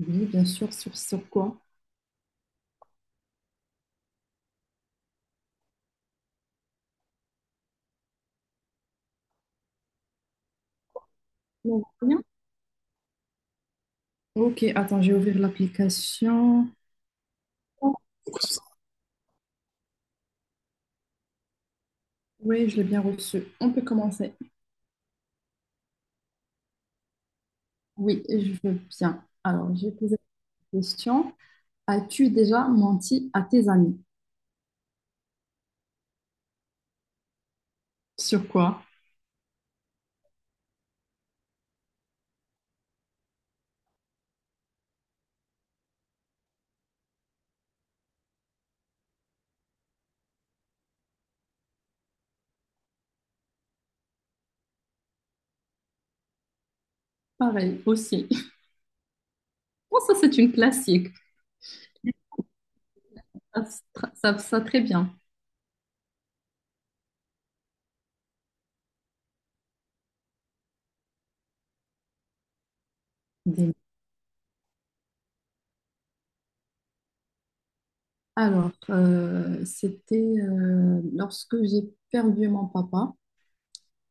Oui, bien sûr, sur, sur quoi? Non, rien. Ok, attends, je vais ouvrir l'application. Oh, oui, je l'ai bien reçu. On peut commencer. Oui, je veux bien. Alors, je vais poser la question. As-tu déjà menti à tes amis? Sur quoi? Pareil, aussi. Bon, ça, c'est une classique. Ça, ça, très bien. Des- Alors, c'était lorsque j'ai perdu mon papa.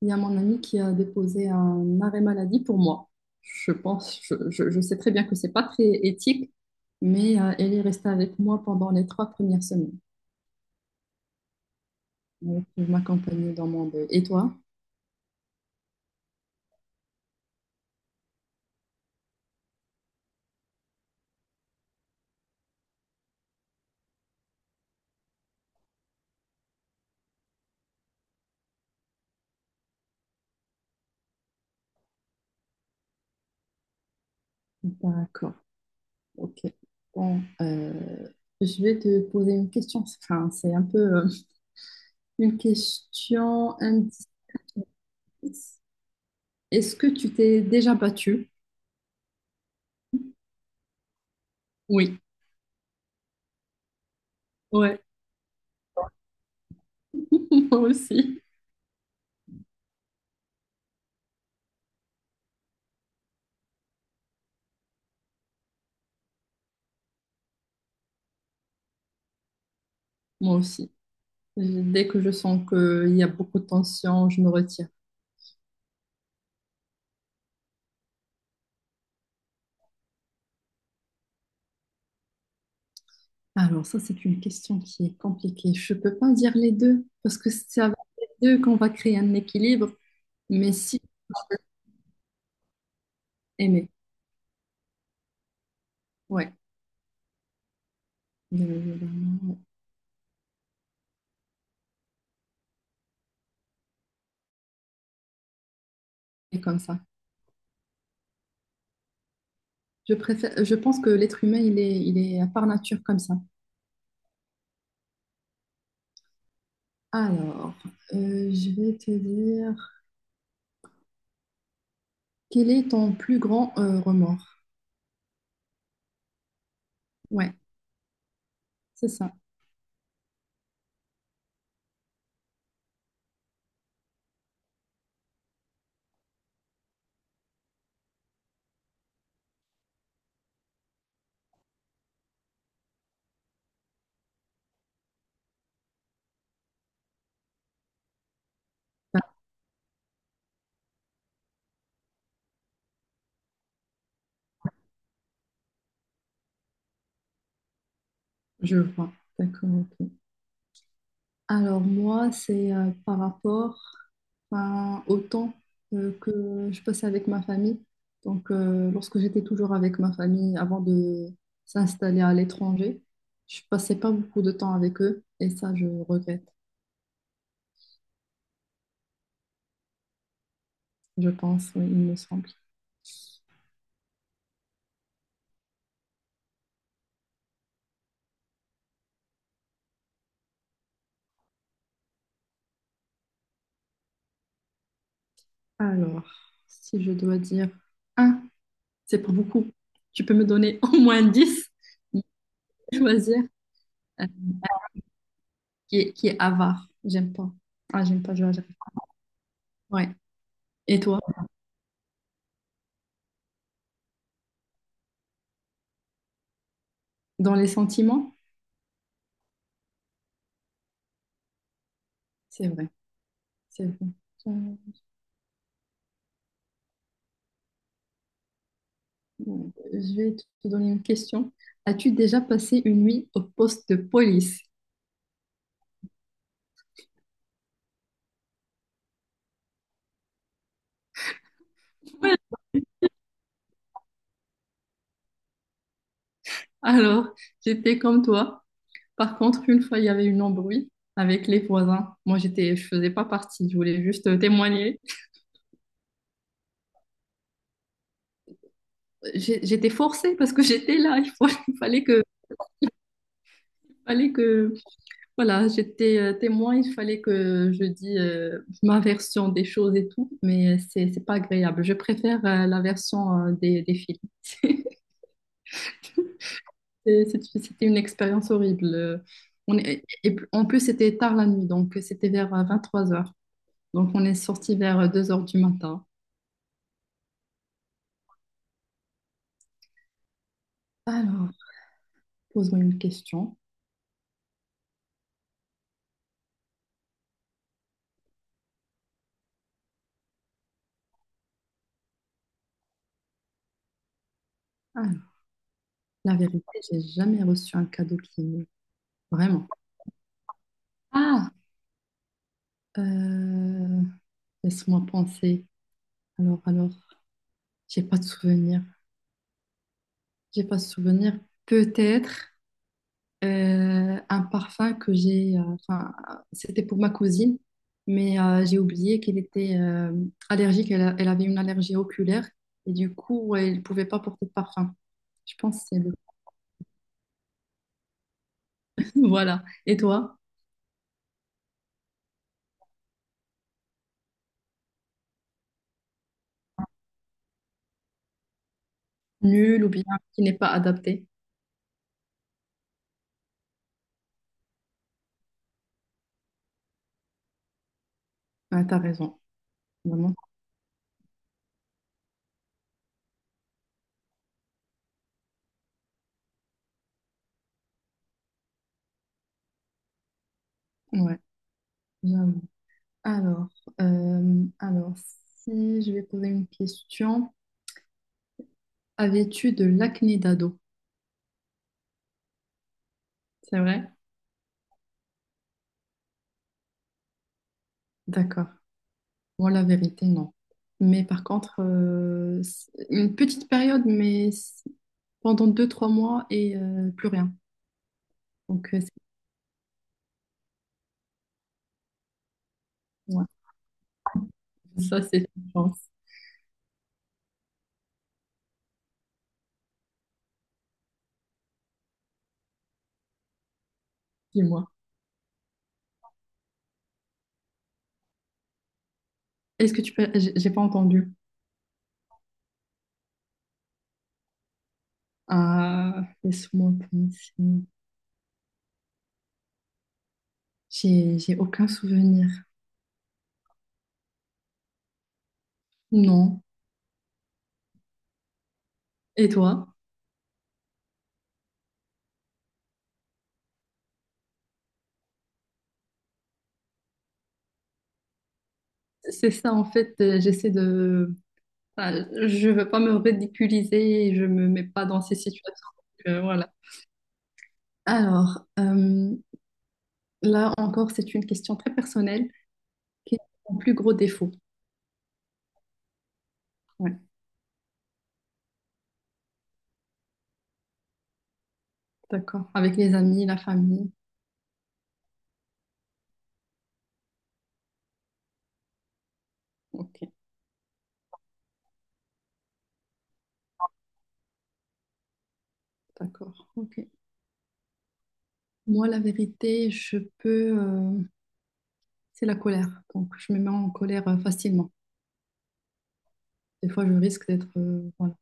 Il y a mon ami qui a déposé un arrêt maladie pour moi. Je pense, je sais très bien que c'est pas très éthique, mais elle est restée avec moi pendant les 3 premières semaines. Donc, elle m'accompagnait dans mon deuil. Et toi? D'accord. Ok. Bon, je vais te poser une question. Enfin, c'est un peu une question indice. Est-ce que tu t'es déjà battue? Oui. Ouais. Moi aussi. Moi aussi. Dès que je sens qu'il y a beaucoup de tension, je me retire. Alors ça, c'est une question qui est compliquée. Je ne peux pas dire les deux, parce que c'est avec les deux qu'on va créer un équilibre, mais si aimer. Ouais, bien évidemment, ouais. C'est comme ça. Je préfère, je pense que l'être humain, il est par nature comme ça. Alors, je vais te dire, quel est ton plus grand remords? Ouais, c'est ça. Ah, je vois. D'accord, ok. Alors moi, c'est par rapport ben, au temps que je passais avec ma famille. Donc lorsque j'étais toujours avec ma famille avant de s'installer à l'étranger, je passais pas beaucoup de temps avec eux et ça, je regrette, je pense, oui, il me semble. Alors, si je dois dire un, c'est pas beaucoup. Tu peux me donner au moins 10. Mais je choisir euh, qui est avare. J'aime pas. Ah, j'aime pas, j'arrive pas. Ouais. Et toi, dans les sentiments? C'est vrai. C'est bon. Je vais te donner une question. As-tu déjà passé une nuit au poste de police? Alors, j'étais comme toi. Par contre, une fois, il y avait une embrouille avec les voisins. Moi, je faisais pas partie. Je voulais juste témoigner. J'étais forcée parce que j'étais là. Il fallait que, voilà, j'étais témoin. Il fallait que je dise ma version des choses et tout. Mais c'est pas agréable. Je préfère la version des films. C'était une expérience horrible. En plus, c'était tard la nuit, donc c'était vers 23 heures. Donc, on est sorti vers 2 heures du matin. Alors, pose-moi une question. Alors, la vérité, j'ai jamais reçu un cadeau qui me... Vraiment. Ah! Euh, laisse-moi penser. Alors, j'ai pas de souvenir. J'ai pas de souvenir. Peut-être. Euh, un parfum que enfin, c'était pour ma cousine, mais j'ai oublié qu'elle était allergique, elle avait une allergie oculaire, et du coup, ouais, elle ne pouvait pas porter de parfum. Je pense que c'est le... Voilà. Et toi? Nul ou bien qui n'est pas adapté? Ah, t'as raison, vraiment. Ouais, j'avoue. Alors, euh, alors, si je vais poser une question, avais-tu de l'acné d'ado? C'est vrai? D'accord. Moi, la vérité, non. Mais par contre, c'est une petite période, mais c'est pendant 2, 3 mois et plus rien. Donc, ouais. Ça, c'est une chance. Dis-moi. Est-ce que tu peux... j'ai pas entendu. Ah, laisse-moi penser. J'ai aucun souvenir. Non. Et toi? C'est ça, en fait, j'essaie de... voilà, je veux pas me ridiculiser et je me mets pas dans ces situations. Donc, voilà. Alors, là encore, c'est une question très personnelle. Quel est ton plus gros défaut? Ouais, d'accord. Avec les amis, la famille. Ok, d'accord. Ok. Moi, la vérité, je peux. Euh, c'est la colère. Donc, je me mets en colère facilement. Des fois, je risque d'être. Euh, voilà.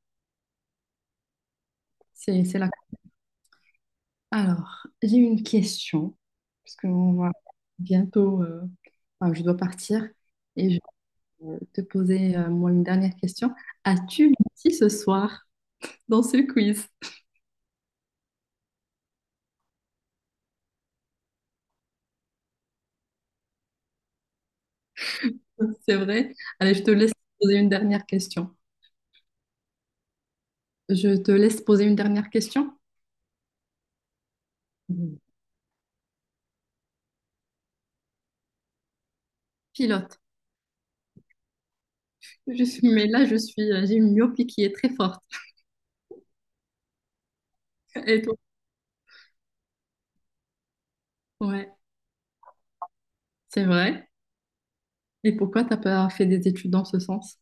C'est la. Alors, j'ai une question. Parce qu'on va bientôt. Euh, enfin, je dois partir. Et je vais te poser, moi, une dernière question. As-tu menti ce soir dans ce quiz? C'est vrai. Allez, je te laisse poser une dernière question. Je te laisse poser une dernière question. Mhm. Pilote. Je suis, j'ai une myopie qui est très forte. Et toi? Ouais, c'est vrai. Et pourquoi t'as pas fait des études dans ce sens?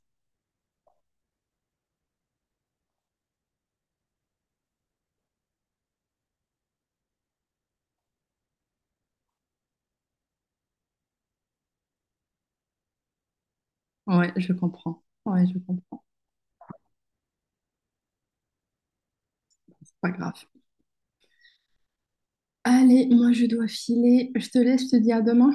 Ouais, je comprends. Ouais, je comprends. C'est pas grave. Allez, moi, je dois filer. Je te laisse, je te dis à demain.